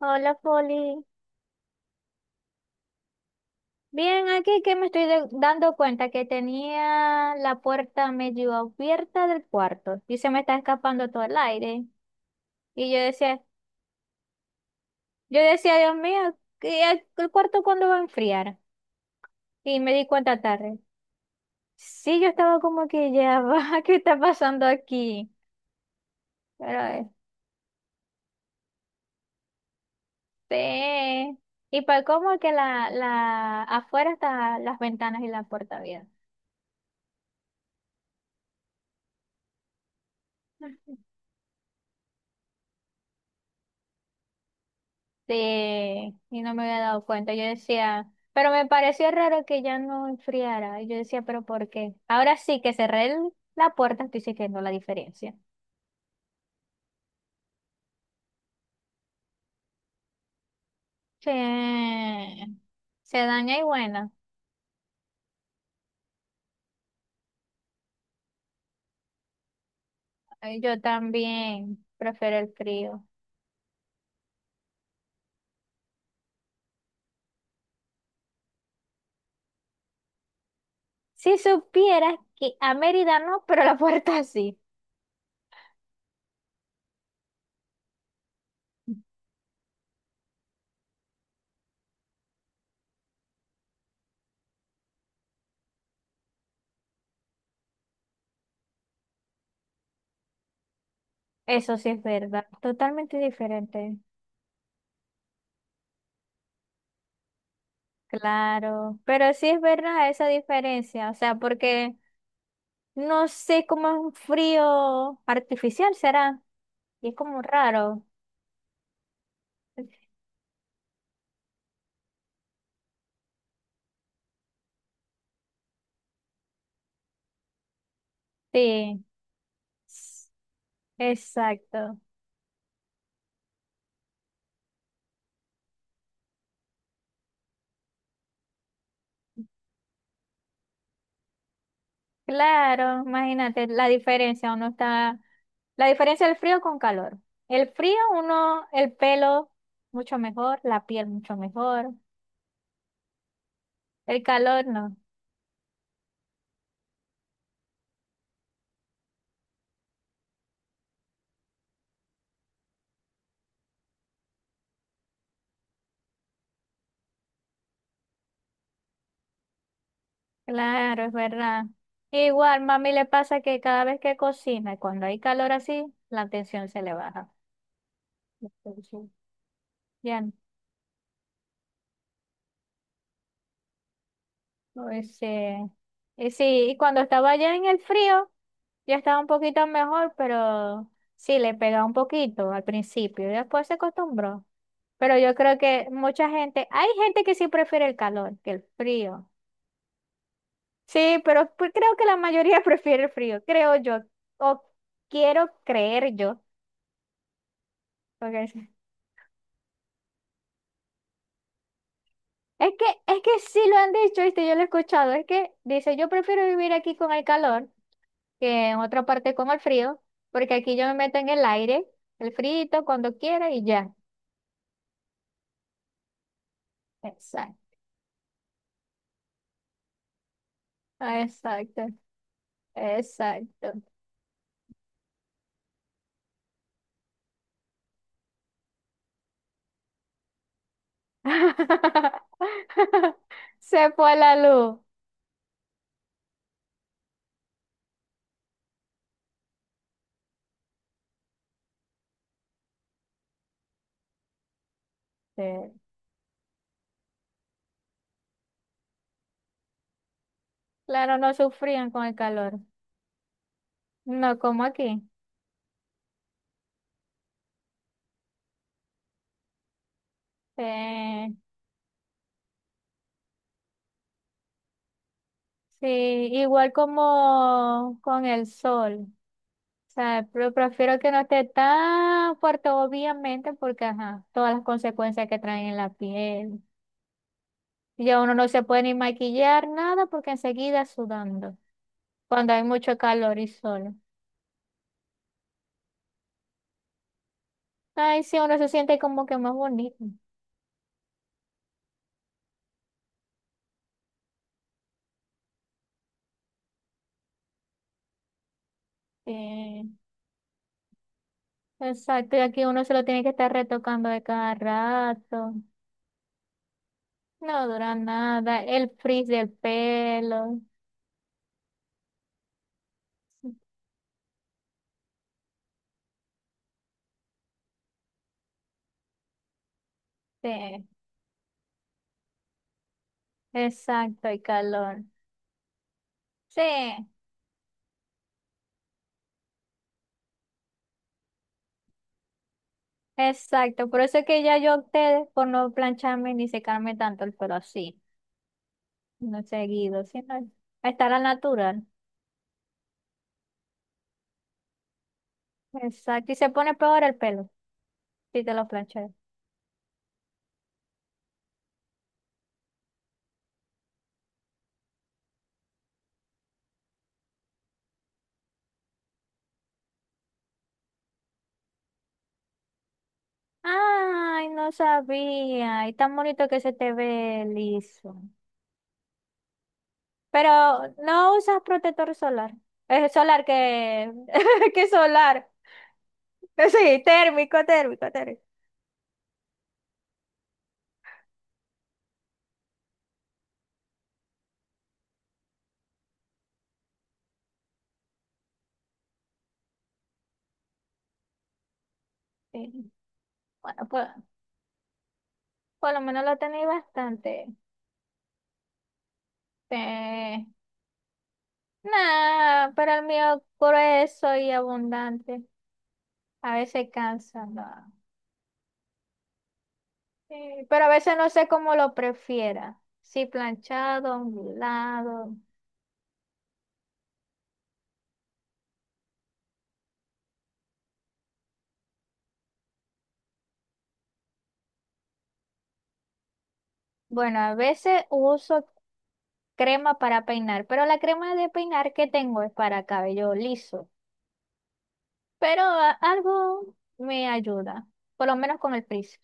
Hola, Foli. Bien, aquí que me estoy dando cuenta que tenía la puerta medio abierta del cuarto y se me está escapando todo el aire. Y yo decía, yo decía, Dios mío, ¿ el cuarto cuándo va a enfriar? Y me di cuenta tarde. Sí, yo estaba como que ya va, ¿qué está pasando aquí? Pero este, y para cómo que afuera están las ventanas y la puerta abierta. Sí, y no me había dado cuenta. Yo decía, pero me pareció raro que ya no enfriara. Y yo decía, pero ¿por qué? Ahora sí que la puerta, estoy sintiendo la diferencia. Sí, se daña y bueno, yo también prefiero el frío. Si supieras que a Mérida no, pero la puerta sí. Eso sí es verdad, totalmente diferente. Claro, pero sí es verdad esa diferencia, o sea, porque no sé cómo es un frío artificial, será. Y es como raro. Sí, s- exacto. Claro, imagínate la diferencia. Uno está. La diferencia del frío con calor. El frío, uno, el pelo mucho mejor, la piel mucho mejor. El calor no. Claro, es verdad. Igual, mami le pasa que cada vez que cocina, cuando hay calor así, la tensión se le baja. La ya no. Ese, y sí, y cuando estaba ya en el frío, ya estaba un poquito mejor, pero sí, le pegaba un poquito al principio, y después se acostumbró. Pero yo creo que mucha gente, hay gente que sí prefiere el calor que el frío. Sí, pero pues creo que la mayoría prefiere el frío, creo yo, o quiero creer yo. Porque es, es que, es que sí lo han dicho, ¿viste? Yo lo he escuchado, es que dice, yo prefiero vivir aquí con el calor que en otra parte con el frío, porque aquí yo me meto en el aire, el frito cuando quiera y ya. Exacto, exacto, exacto. Se fue la luz. Sí. Claro, no sufrían con el calor. No como aquí. Eh, sí, igual como con el sol. O sea, pero prefiero que no esté tan fuerte, obviamente, porque ajá, todas las consecuencias que traen en la piel. Ya uno no se puede ni maquillar nada porque enseguida sudando, cuando hay mucho calor y sol. Ay, sí, uno se siente como que más bonito. Sí, exacto, y aquí uno se lo tiene que estar retocando de cada rato. No dura nada, el frizz del pelo. Sí, exacto, y calor. Sí, exacto, por eso es que ya yo opté por no plancharme ni secarme tanto el pelo así, no seguido, sino a estar al natural. Exacto, y se pone peor el pelo si te lo planchas. Ay, no sabía, y tan bonito que se te ve liso. Pero no usas protector solar. Es solar que, que solar. Sí, térmico, térmico, térmico. Sí. Bueno, pues por lo menos lo tenéis bastante. Eh, nah, pero el mío grueso y abundante. A veces cansa. No. Sí, pero a veces no sé cómo lo prefiera. Si planchado, ondulado. Bueno, a veces uso crema para peinar, pero la crema de peinar que tengo es para cabello liso. Pero algo me ayuda, por lo menos con el frizz.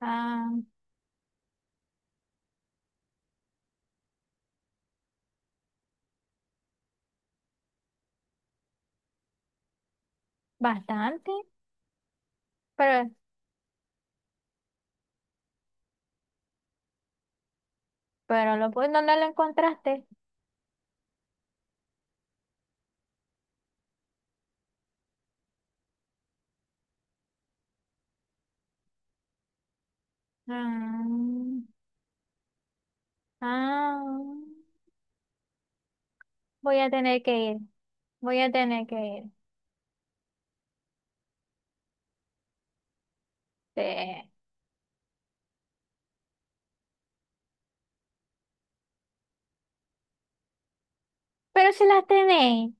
Ah, bastante, pero, pues, ¿dónde lo encontraste? Ah, ah, voy a tener que ir, voy a tener que ir. Sí. Pero si las tenéis.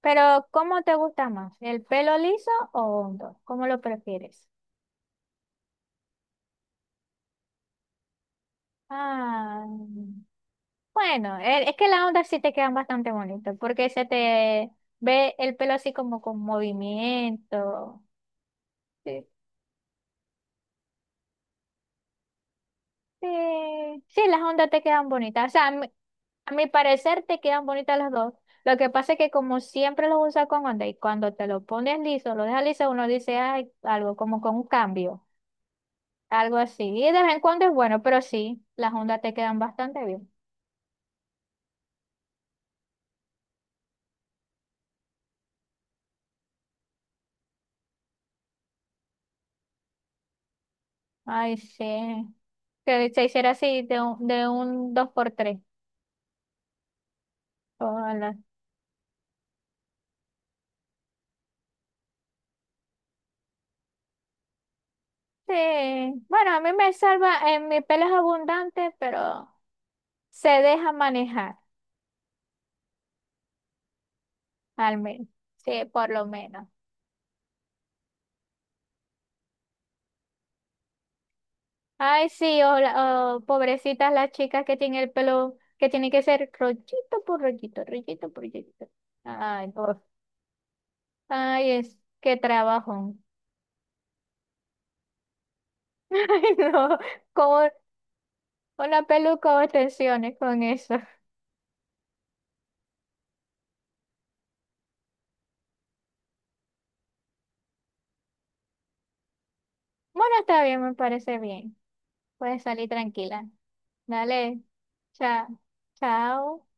Pero, ¿cómo te gusta más? ¿El pelo liso o hondo? ¿Cómo lo prefieres? Ah, bueno, es que las ondas sí te quedan bastante bonitas, porque se te ve el pelo así como con movimiento. Sí, sí, sí, las ondas te quedan bonitas. O sea, a mi parecer te quedan bonitas las dos. Lo que pasa es que como siempre los usas con onda y cuando te lo pones liso, lo dejas liso, uno dice, ay, algo como con un cambio. Algo así. Y de vez en cuando es bueno, pero sí, las ondas te quedan bastante bien. Ay, sí. Que se hiciera así de un 2x3. Hola. Sí. Bueno, a mí me salva, en mi pelo es abundante, pero se deja manejar, al menos. Sí, por lo menos. Ay, sí, o pobrecitas las chicas que tienen el pelo, que tiene que ser rollito por rollito, rollito por rollito. Ay, por. Ay, es, qué trabajo. Ay, no. ¿Cómo? Una peluca o tensiones con eso. Bueno, está bien, me parece bien. Puedes salir tranquila. Dale. Chao. Chao.